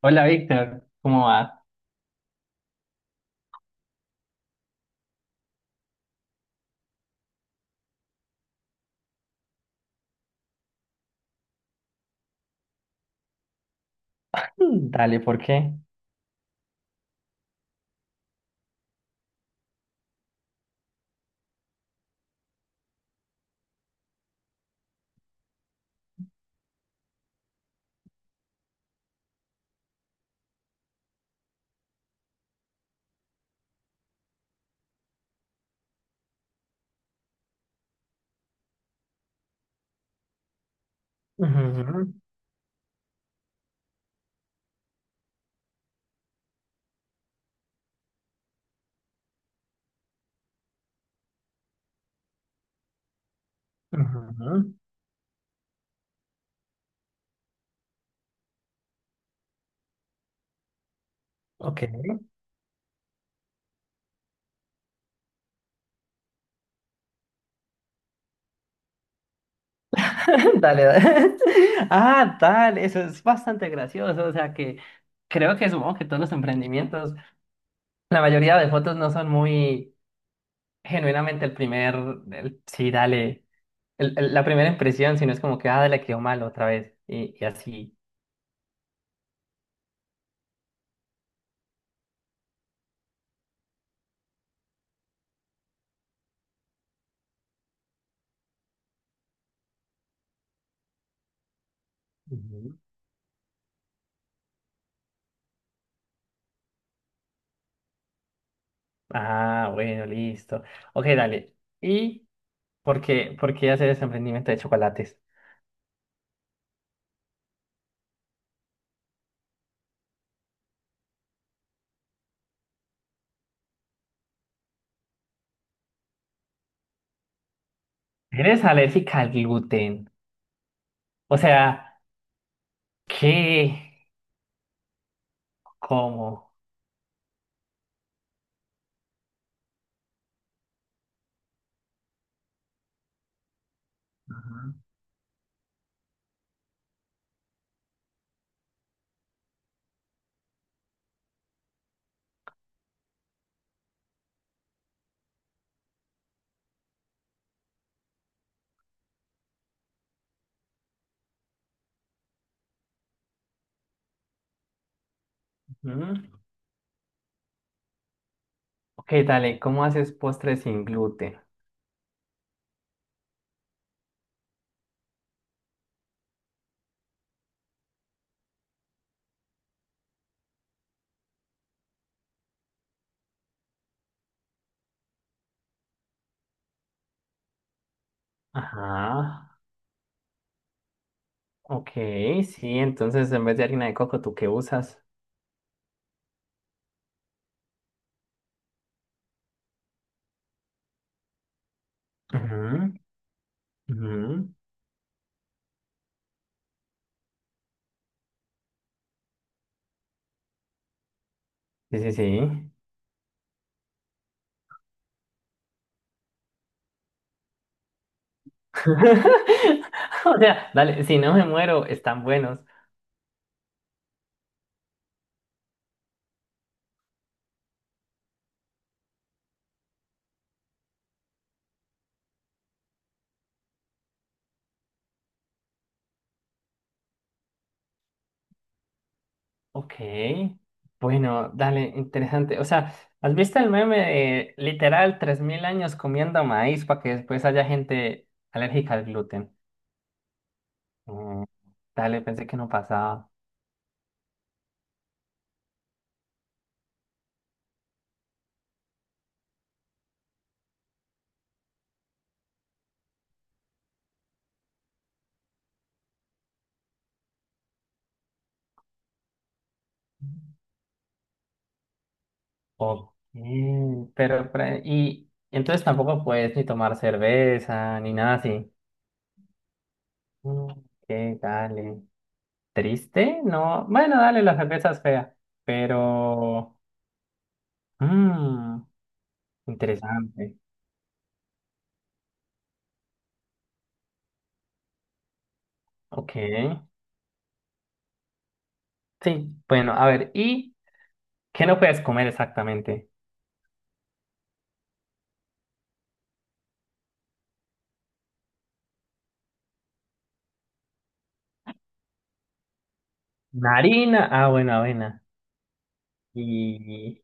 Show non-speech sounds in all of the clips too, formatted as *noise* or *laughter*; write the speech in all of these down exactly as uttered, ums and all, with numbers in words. Hola Víctor, ¿cómo va? Dale, ¿por qué? Ujú, ujú, Ok. *laughs* Dale, dale. *laughs* Ah, dale, eso es bastante gracioso. O sea que creo que supongo que todos los emprendimientos, la mayoría de fotos no son muy genuinamente el primer, el- sí, dale, el- el- la primera impresión, sino es como que, ah, le quedó mal otra vez. Y, y así. Ujú. Ah, bueno, listo. Ok, dale. ¿Y por qué, por qué hacer ese emprendimiento de chocolates? Eres alérgica al gluten. O sea, ¿qué? ¿Cómo? Ajá. Ujú. Ok, dale, ¿cómo haces postres sin gluten? Ajá. Ok, sí, entonces en vez de harina de coco, ¿tú qué usas? Ujú, ujú. Sí, sí, sí. *laughs* O sea, dale, si no me muero, están buenos. Ok, bueno, dale, interesante. O sea, ¿has visto el meme de literal tres mil años comiendo maíz para que después haya gente alérgica al gluten? Mm, dale, pensé que no pasaba. Ok, pero, pre- y entonces tampoco puedes ni tomar cerveza ni nada así. Mm, ok, dale. ¿Triste? No, bueno, dale, la cerveza es fea, pero... mm, interesante. Ok. Sí, bueno, a ver, ¿y qué no puedes comer exactamente? ¿Una harina? Ah, bueno, avena. Y...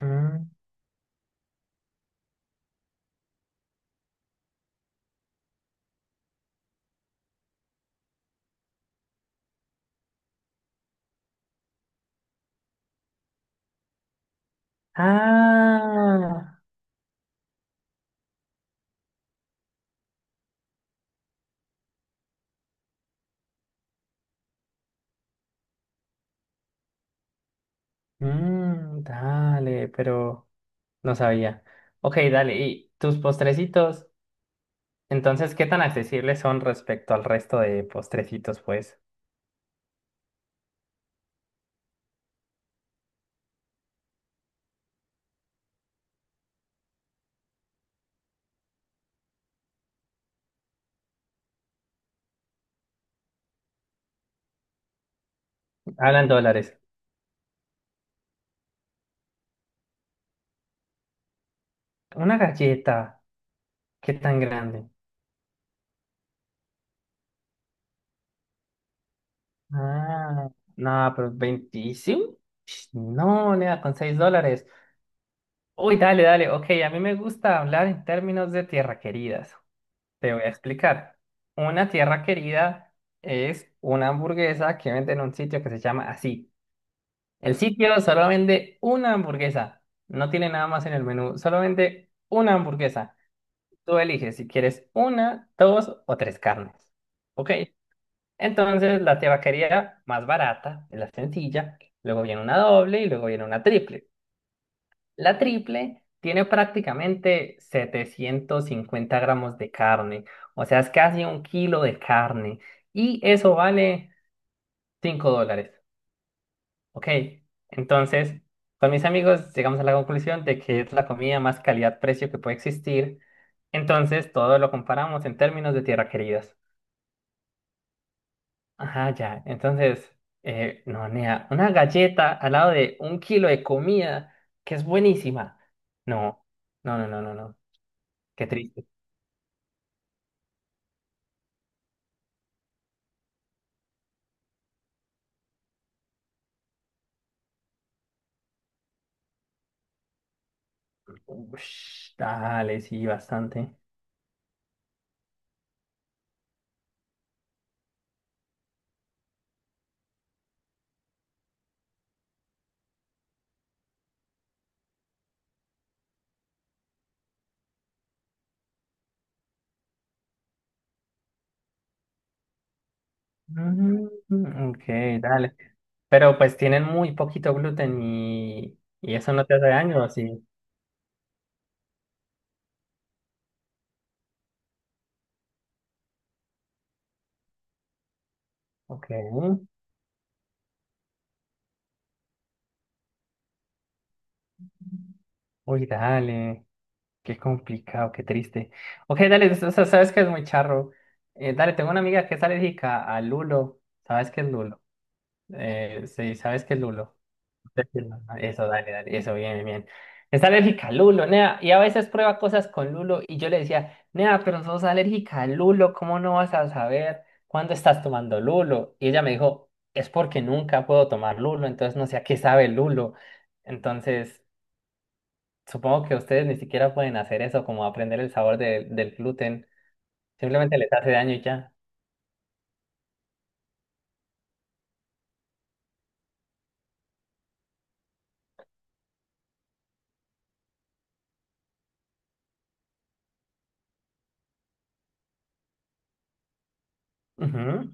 mm, ah, mm, dale, pero no sabía. Ok, dale, ¿y tus postrecitos? Entonces, ¿qué tan accesibles son respecto al resto de postrecitos, pues? Hablan dólares. Una galleta, ¿qué tan grande? Ah, no, pero veinticinco. No, nada, con seis dólares. Uy, dale, dale. Ok, a mí me gusta hablar en términos de tierra queridas. Te voy a explicar. Una tierra querida es una hamburguesa que vende en un sitio que se llama así. El sitio solo vende una hamburguesa. No tiene nada más en el menú. Solo vende una hamburguesa. Tú eliges si quieres una, dos o tres carnes. Ok. Entonces, la tierra querida más barata es la sencilla. Luego viene una doble y luego viene una triple. La triple tiene prácticamente setecientos cincuenta gramos de carne, o sea, es casi un kilo de carne y eso vale cinco dólares, ¿ok? Entonces, con mis amigos llegamos a la conclusión de que es la comida más calidad-precio que puede existir, entonces todo lo comparamos en términos de tierra queridas. Ajá, ya, entonces, eh, no, nea, una galleta al lado de un kilo de comida que es buenísima. No, no, no, no, no, no, qué triste. Ush, dale, sí, bastante. Mm, ok, dale. Pero pues tienen muy poquito gluten y, y eso no te hace daño, ¿o sí. Ok. Uy, dale. Qué complicado, qué triste. Ok, dale, o sea, sabes que es muy charro. Eh, dale, tengo una amiga que es alérgica al lulo. ¿Sabes qué es lulo? Eh, sí, ¿sabes qué es lulo? *laughs* Eso, dale, dale, eso, bien, bien. Está alérgica al lulo, nea, y a veces prueba cosas con lulo, y yo le decía, nea, pero sos alérgica al lulo, ¿cómo no vas a saber cuándo estás tomando lulo? Y ella me dijo, es porque nunca puedo tomar lulo, entonces no sé a qué sabe el lulo. Entonces, supongo que ustedes ni siquiera pueden hacer eso, como aprender el sabor de- del gluten, simplemente les hace daño y ya. Ujú,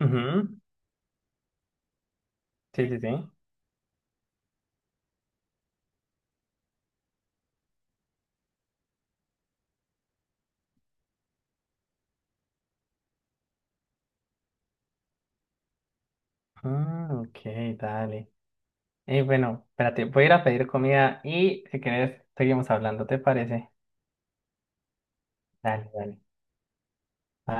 ujú. Sí, sí, sí. Ah, ok, dale. Y bueno, espérate, voy a ir a pedir comida y si quieres seguimos hablando, ¿te parece? Dale, dale.